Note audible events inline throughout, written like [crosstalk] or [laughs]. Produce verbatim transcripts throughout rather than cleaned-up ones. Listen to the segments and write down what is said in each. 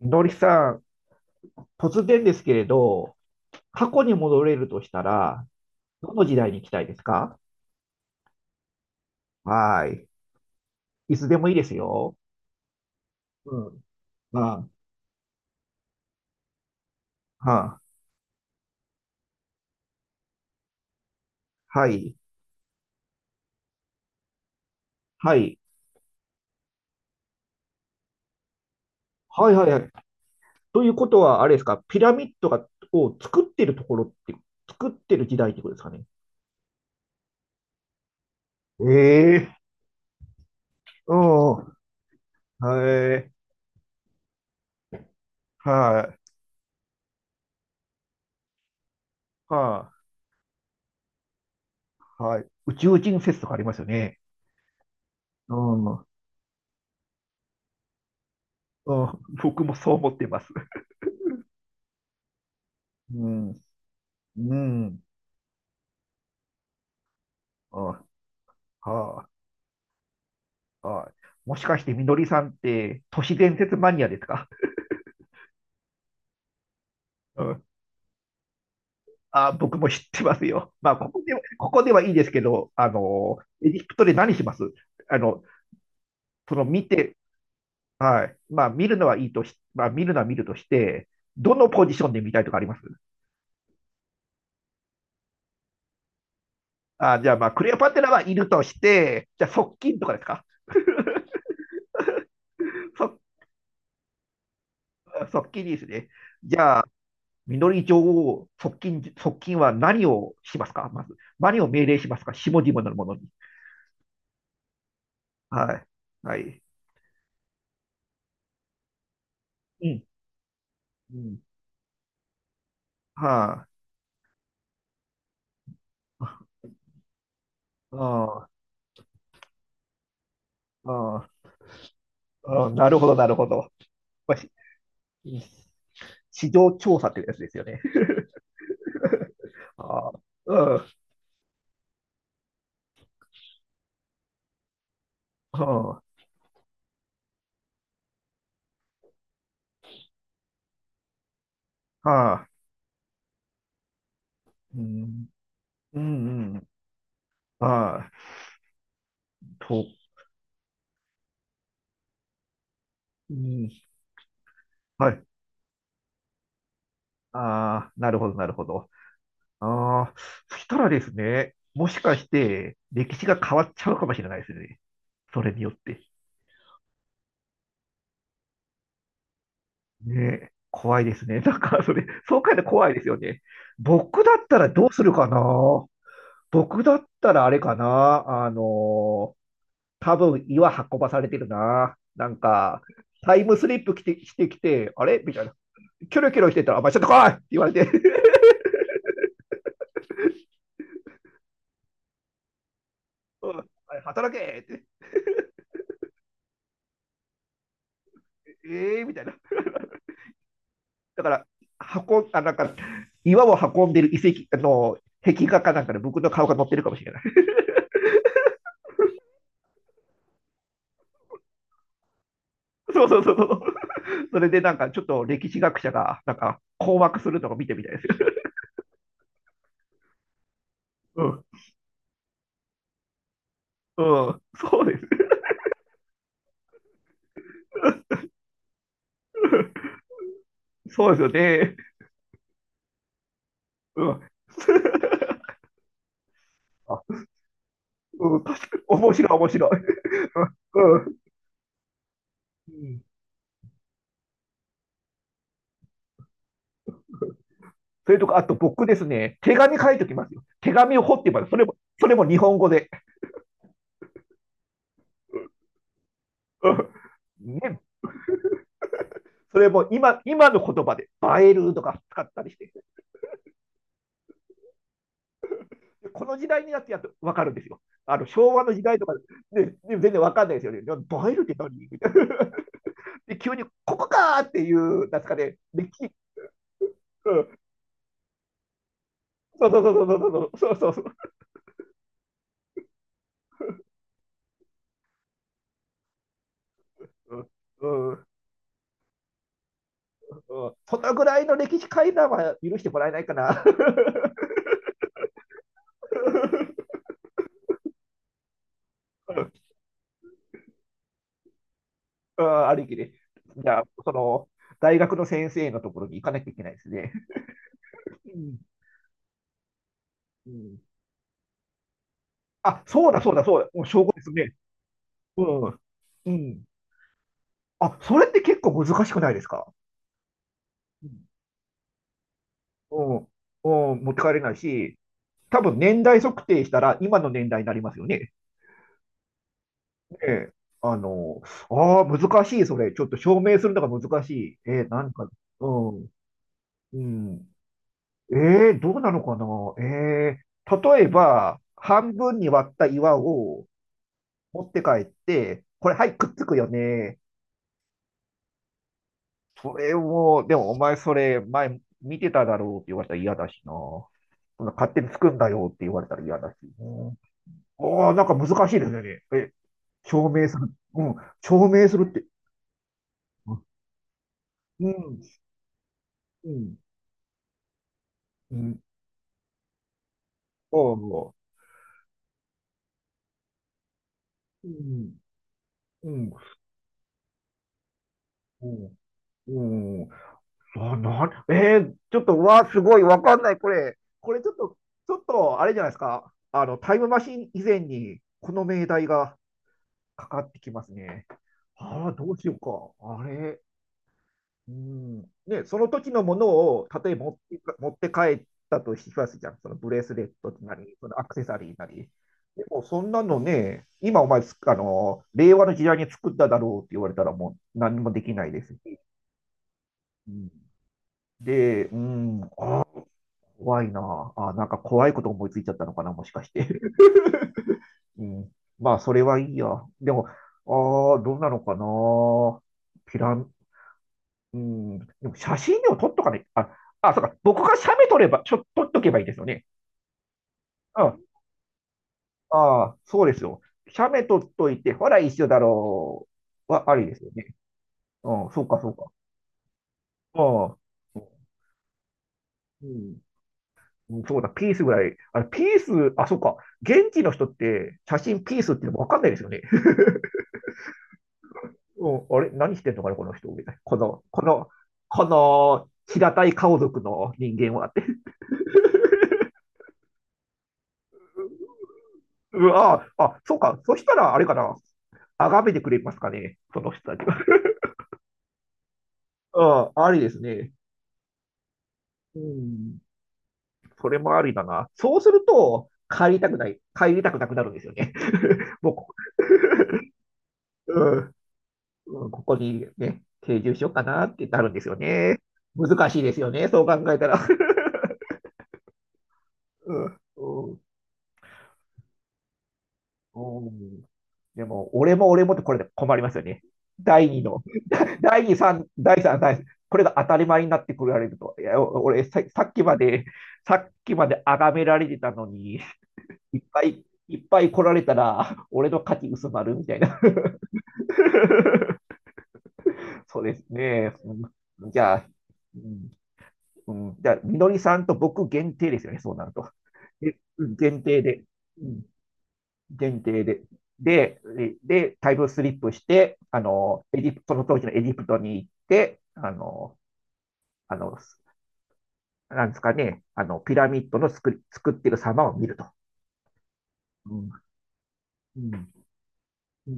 のりさん、突然ですけれど、過去に戻れるとしたら、どの時代に行きたいですか？はーい。いつでもいいですよ。うん。ああ、はあ、はい。はい。はいはいはい。ということは、あれですか、ピラミッドがを作ってるところって、作ってる時代ってことですかね。ええ、うん。はい。はい。はい。はい。宇宙人説とかありますよね。うん。うん。僕もそう思ってます。うん。うん。うん。はあ、はあ、もしかしてみのりさんって都市伝説マニアですか？うん、あ、僕も知ってますよ。まあ、ここでは、ここではいいですけど、あの、エジプトで何します？あの、その見て、はい。まあ、見るのはいいとし、まあ、見るのは見るとして、どのポジションで見たいとかあります？あ、じゃあ、まあ、クレオパテラはいるとして、じゃあ、側近とかですか？側、側近ですね。じゃあ、みのり女王、側近、側近は何をしますか？まず、何を命令しますか下々のものに？はい。はい。うん。うん。はあ。ああ。ああ。あ、なるほど、なるほど。まあ、し市場調査っていうやつですよね。ああ。うん。はあ。はあ。うん。うん。うん。ああ。と。うん。はい。ああ。なるほど、なるほど。ああ。そしたらですね、もしかして、歴史が変わっちゃうかもしれないですね。それによって。ね、怖いですね。[laughs] なんか、それ、そう書いて怖いですよね。僕だったらどうするかな？僕だったらあれかなあのー、多分岩運ばされてるな。なんか、タイムスリップ来てしてきて、あれみたいな。キョロキョロしてたら、お前ちょっと来いって言われて、[laughs] うん、あれ働けって、えー、みたいな。だから、運ん、あ、なんか、岩を運んでる遺跡、あの、壁画かなんかで僕の顔が載ってるかもしれない。[laughs] そうそうそうそう。それでなんかちょっと歴史学者がなんか困惑するのを見てみたいですよ。うん、うん、そうです。[laughs] そうですよね。うん。[laughs] あ、うん、確かに面白い、面白い。[laughs] うん。うん。それとか、あと僕ですね、手紙書いておきますよ。手紙を掘ってます。それも、それも日本語で。[laughs] ね、それも今、今の言葉で、映えるとか使ったりして、この時代になってやっと分かるんですよ。あの、昭和の時代とかで、ね、全然分かんないですよね。映えるって何みたいな。で、急に、ここかーっていう、なんですかね、歴史、うん、そうそうそうそうそうそう、そうそうそう、うん、うん、そのぐらいの歴史階段は許してもらえないかな。[laughs] うん、うん、ある意味で。じゃあ、その、大学の先生のところに行かなきゃいけないですね。うん、うん、あ、そうだそうだそうだ、もう証拠ですね。うん、うん。あ、それって結構難しくないですか？うん、うん、うん、持って帰れないし、多分年代測定したら今の年代になりますよね。ええ、あの、ああ、難しい、それ。ちょっと証明するのが難しい。ええ、なんか、うん、うん。ええ、どうなのかな。ええ、例えば、半分に割った岩を持って帰って、これ、はい、くっつくよね。それを、でも、お前、それ、前、見てただろうって言われたら嫌だしな。そんな勝手につくんだよって言われたら嫌だしね。ああ、なんか難しいですよね。え、証明する。うん、証明するって。うん、うん、うん。お、う、うん、うん、うん、うん。あ、なん、えー、ちょっと、わあ、すごい、わかんない、これ。これちょっと、ちょっと、あれじゃないですか。あの、タイムマシン以前に、この命題がかかってきますね。ああ、どうしようか。あれ。うん、ね、その時のものを、例えば持ってか、持って帰ったとしますじゃん。そのブレスレットなり、そのアクセサリーなり。でも、そんなのね、今お前つあの、令和の時代に作っただろうって言われたらもう何もできないですし。うん、で、うん、怖いなあ。あ、なんか怖いこと思いついちゃったのかな、もしかして。[laughs] うん、まあ、それはいいや。でも、ああ、どうなのかな。ピラン、うん、でも写真でも撮っとかない。あ、あ、そうか。僕が写メ撮れば、ちょ、撮っとけばいいですよね。うん。ああ、そうですよ。写メ撮っといて、ほら、一緒だろう。は、ありですよね。うん、そうか、そうか。うん。うん、そうだ、ピースぐらい。あれ、ピース、あ、そうか。現地の人って、写真ピースっていうのもわかんないですよね。[laughs] うん、あれ、何してんのかな、この人。みたいな。この、この、この、平たい顔族の人間はって。うわあ、あ、そうか。そしたら、あれかな。あがめてくれますかね、その人たちは。[laughs] うん、ありですね。うん、それもありだな。そうすると、帰りたくない、帰りたくなくなるんですよね。[laughs] もう、うん、うん、ここにね、定住しようかなってなるんですよね。難しいですよね、そう考えたら。[laughs] うん、うん、うん、でも、俺も俺もってこれで困りますよね。だいにの、だいに、さん、だいさん、だいさん、これが当たり前になってくられると。いや、俺さ、さっきまで、さっきまで崇められてたのに、いっぱいいっぱい来られたら、[laughs] 俺の価値薄まるみたいな。[laughs] そうですね。うん、じゃあ、うん、うん、じゃあ、みのりさんと僕限定ですよね、そうなると。で限定で。うん、限定で。で、で、タイムスリップして、あの、エジプト、その当時のエジプトに行って、あの、あの、なんですかね、あの、ピラミッドの作り、作ってる様を見ると。うん、う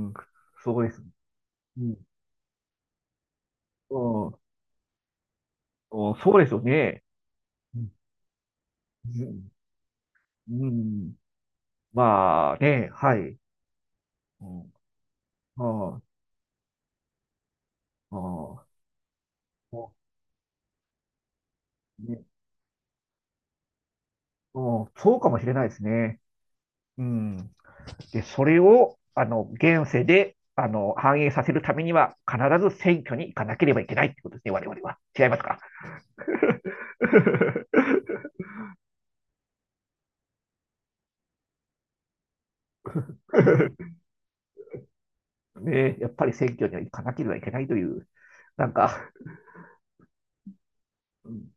ん、うん、そうです。うん、うん、お、そうですよね。うん、うん、まあね、はい。うん、ああ、ああ、ね、あ、そうかもしれないですね。うん、で、それを、あの、現世で、あの、反映させるためには、必ず選挙に行かなければいけないってことですね、我々は。違いますか？ [laughs] ね、やっぱり選挙には行かなければいけないという、なんか、うん、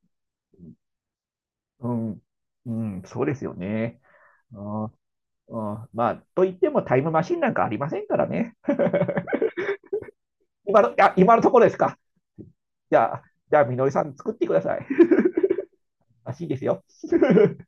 うん、うん、そうですよね。ああ、うん、まあ、といってもタイムマシンなんかありませんからね。[laughs] 今の、あ、今のところですか。じゃあ、じゃあ、みのりさん作ってください。らしいですよ。[laughs]